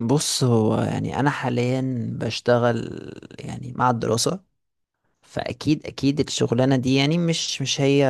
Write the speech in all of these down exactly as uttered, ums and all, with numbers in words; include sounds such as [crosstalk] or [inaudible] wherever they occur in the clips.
بص هو يعني انا حاليا بشتغل يعني مع الدراسة. فاكيد اكيد الشغلانة دي يعني مش مش هي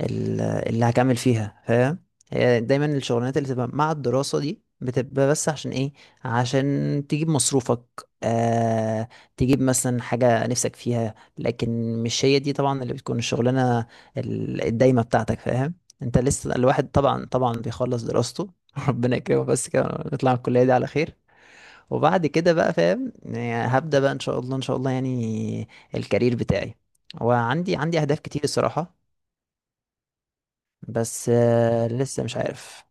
ال- اللي هكمل فيها، فاهم. هي دايما الشغلانات اللي تبقى مع الدراسة دي بتبقى بس عشان ايه؟ عشان تجيب مصروفك، آه، تجيب مثلا حاجة نفسك فيها، لكن مش هي دي طبعا اللي بتكون الشغلانة ال- الدايمة بتاعتك، فاهم. انت لسه الواحد طبعا طبعا بيخلص دراسته [laughs] ربنا يكرمه بس كده، ونطلع من الكلية دي على خير. وبعد كده بقى، فاهم، يعني هبدأ بقى ان شاء الله، ان شاء الله يعني الكارير بتاعي. وعندي عندي اهداف كتير الصراحة. بس آه لسه مش عارف.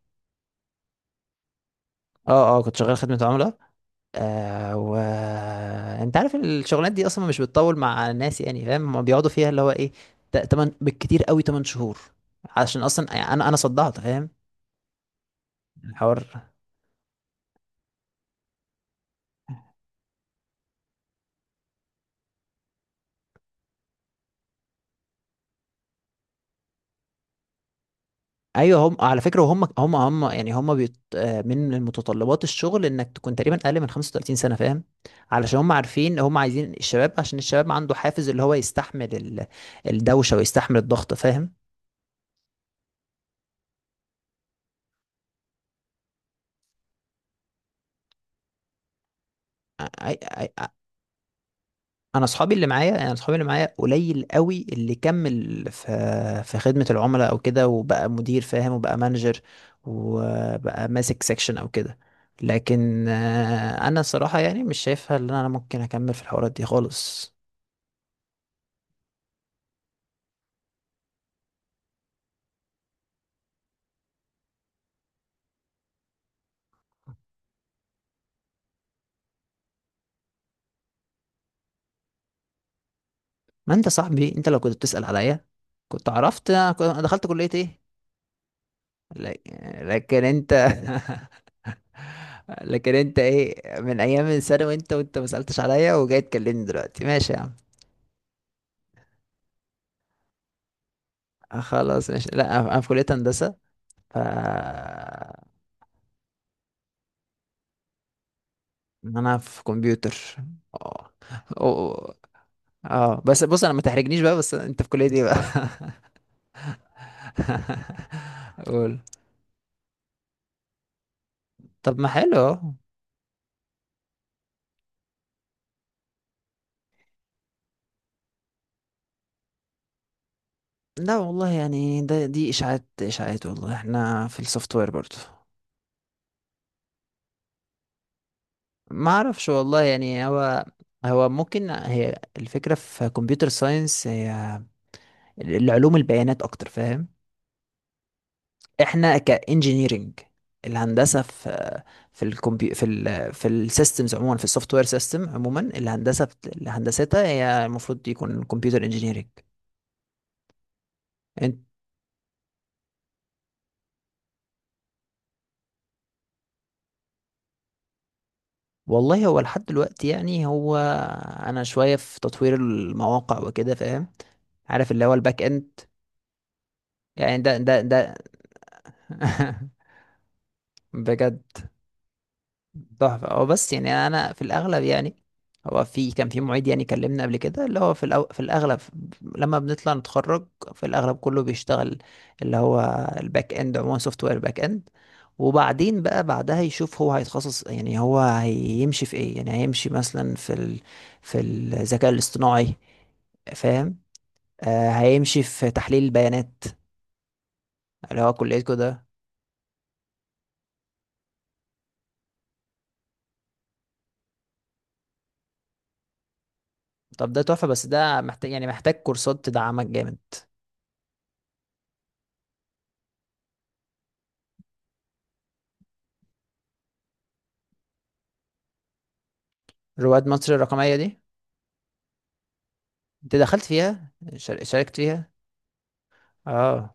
اه. اه كنت شغال خدمة عملاء. آه و انت عارف الشغلانات دي اصلا مش بتطول مع الناس، يعني فاهم، هما بيقعدوا فيها اللي هو ايه، ت- تمن بالكتير قوي تمن شهور. عشان اصلا يعني انا انا صدعت، فاهم، الحوار. ايوه هم على فكره، هم هم هم يعني هم بيت... آه، من متطلبات الشغل انك تكون تقريبا اقل من خمسة وثلاثين سنه، فاهم. علشان هم عارفين هم عايزين الشباب، عشان الشباب عنده حافز اللي هو يستحمل ال... الدوشه ويستحمل الضغط، فاهم. أي... أي... انا اصحابي اللي معايا، انا اصحابي اللي معايا قليل قوي اللي كمل في في خدمه العملاء او كده وبقى مدير، فاهم، وبقى مانجر، وبقى ماسك سيكشن او كده. لكن آه، انا صراحه يعني مش شايفها ان انا ممكن اكمل في الحوارات دي خالص. ما انت صاحبي، انت لو كنت بتسأل عليا كنت عرفت انا كنت- أنا دخلت كلية ايه. لك- لكن انت [laughs] لكن انت ايه، من ايام الثانوي انت، وانت ما سألتش عليا وجاي تكلمني دلوقتي، ماشي يا عم. آه، خلاص ماشي، لا انا في كلية هندسة. ف آه، انا في كمبيوتر. اه. أو- اه بس بص، انا ما تحرجنيش بقى، بس انت في كلية ايه بقى؟ [laughs] قول. طب ما حلو اهو. لا والله يعني ده دي اشاعات اشاعات والله، احنا في السوفت وير برضه. ما اعرفش والله، يعني هو هو ممكن هي الفكره في كمبيوتر ساينس هي العلوم البيانات اكتر، فاهم. احنا كانجينيرنج، الهندسه في في الكمبيو في ال في السيستمز عموما، في السوفت وير سيستم عموما، الهندسه بت- هندستها هي المفروض يكون كمبيوتر انجينيرنج. والله هو لحد دلوقتي يعني هو انا شويه في تطوير المواقع وكده، فاهم، عارف اللي هو الباك اند. يعني ده ده ده [laughs] بجد تحفة هو. بس يعني أنا في الأغلب يعني هو في كان في معيد يعني كلمنا قبل كده، اللي هو في الأو... في الأغلب لما بنطلع نتخرج، في الأغلب كله بيشتغل اللي هو الباك إند عموما، سوفت وير باك إند. وبعدين بقى بعدها يشوف هو هيتخصص، يعني هو هيمشي في إيه، يعني هيمشي مثلا في ال... في الذكاء الاصطناعي، فاهم. آه هيمشي في تحليل البيانات، اللي هو كليتكو ده. طب ده تحفة، بس ده محتاج يعني محتاج كورسات تدعمك جامد. رواد مصر الرقمية دي، انت دخلت فيها، شار- شاركت فيها؟ اه.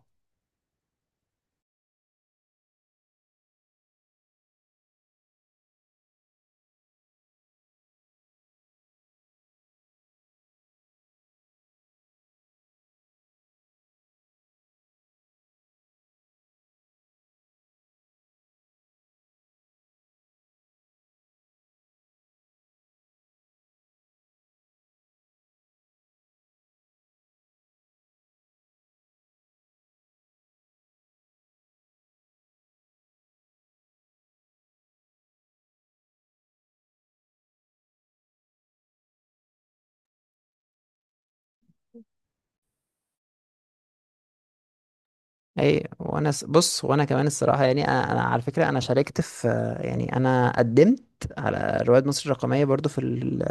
اي وانا س- بص، وانا كمان الصراحه يعني انا, أنا على فكره انا شاركت في، يعني انا قدمت على رواد مصر الرقميه برضو في ال...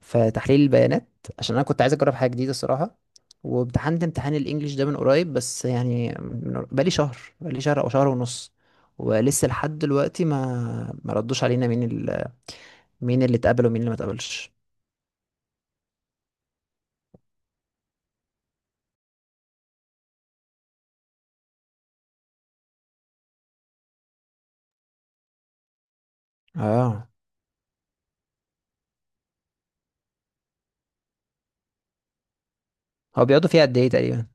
في تحليل البيانات، عشان انا كنت عايز اجرب حاجه جديده الصراحه. وامتحنت امتحان الانجليش ده من قريب، بس يعني من... بقالي شهر بقالي شهر او شهر ونص. ولسه لحد دلوقتي ما ما ردوش علينا مين ال... مين اللي اتقبل ومين اللي ما اتقبلش. اه. هو بيقعدوا فيها قد ايه تقريبا؟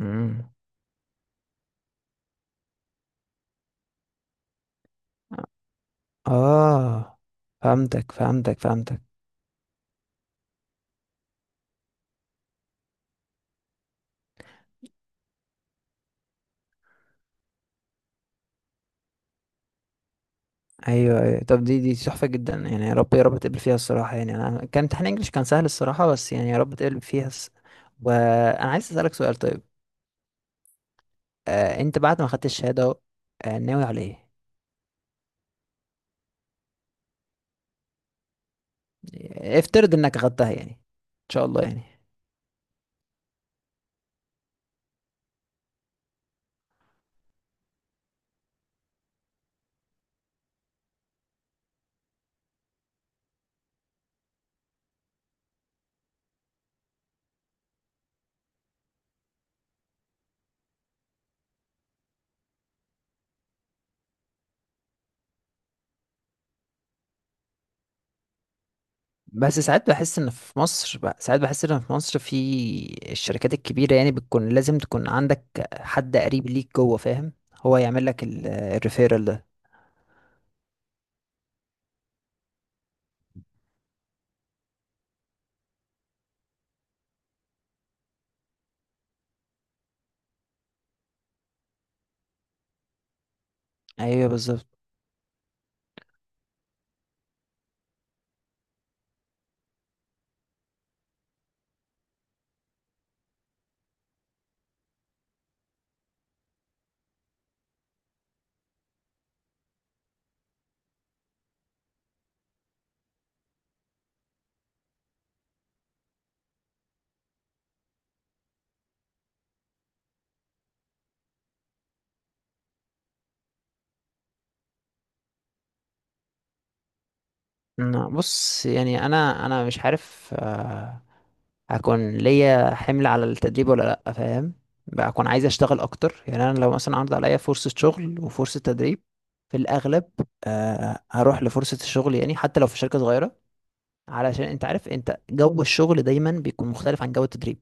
امم. اه، فهمتك، فهمتك فهمتك ايوه ايوه، طب دي دي تحفه جدا يعني، يا رب يا رب تقبل فيها الصراحه، يعني انا كان امتحان انجلش كان سهل الصراحه، بس يعني يا رب تقبل فيها الس... وانا عايز اسالك سؤال طيب. آه انت بعد ما خدت الشهاده أهو، آه ناوي على ايه؟ افترض انك خدتها، يعني ان شاء الله يعني. بس ساعات بحس ان في مصر بقى، ساعات بحس ان في مصر في الشركات الكبيره يعني بتكون لازم تكون عندك حد قريب ليك جوه، فاهم، هو يعمل لك الريفيرال ده. ايوه بالظبط. أنا- بص يعني انا انا مش عارف آه، هكون ليا حمل على التدريب ولا لا، فاهم. بقى اكون عايز اشتغل اكتر، يعني انا لو مثلا عرض عليا فرصة شغل وفرصة تدريب، في الاغلب آه، هروح لفرصة الشغل، يعني حتى لو في شركة صغيرة. علشان انت عارف انت جو الشغل دايما بيكون مختلف عن جو التدريب.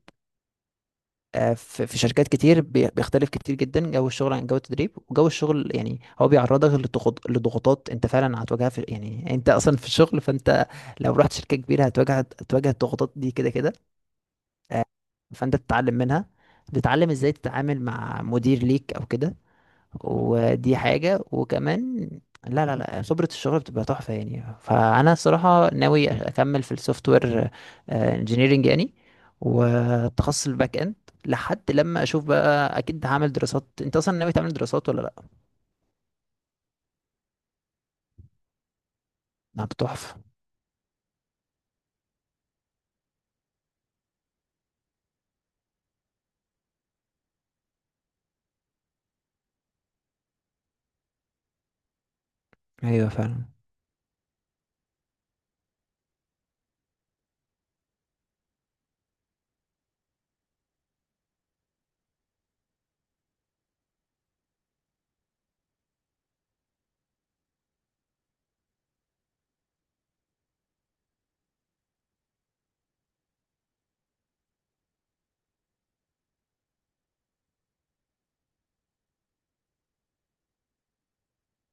آه، في في شركات كتير بي- بيختلف كتير جدا جو الشغل عن جو التدريب، وجو الشغل يعني هو بيعرضك لضغوط- لضغوطات انت فعلا هتواجهها، في يعني انت اصلا في الشغل، فانت لو رحت شركة كبيرة هتواجه هتواجه الضغوطات دي كده كده. فانت تتعلم منها، تتعلم ازاي تتعامل مع مدير ليك او كده، ودي حاجة. وكمان لا لا لا خبرة الشغل بتبقى تحفة يعني. فأنا الصراحة ناوي أكمل في السوفت وير انجينيرنج يعني، والتخصص الباك اند، لحد لما أشوف بقى. أكيد هعمل دراسات، أنت أصلا ناوي تعمل دراسات ولا لأ؟ لا تحفة. أيوة فعلا.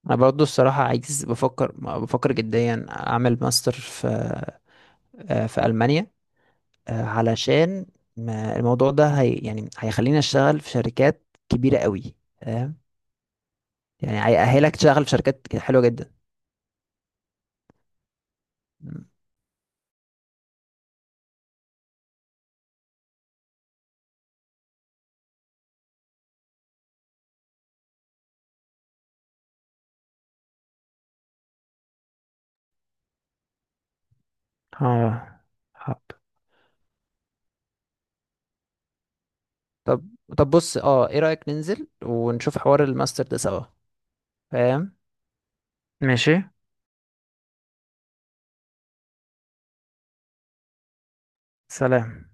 أنا برضو الصراحة عايز، بفكر بفكر جديا أعمل ماستر في آه، في ألمانيا، آه، علشان ما- الموضوع ده هي يعني هيخليني أشتغل في شركات كبيرة قوي يعني، هيأهلك تشتغل في شركات حلوة جدا. مم. اه. حب. طب، طب بص اه، ايه رأيك ننزل ونشوف حوار الماستر ده سوا، فاهم. ماشي. سلام.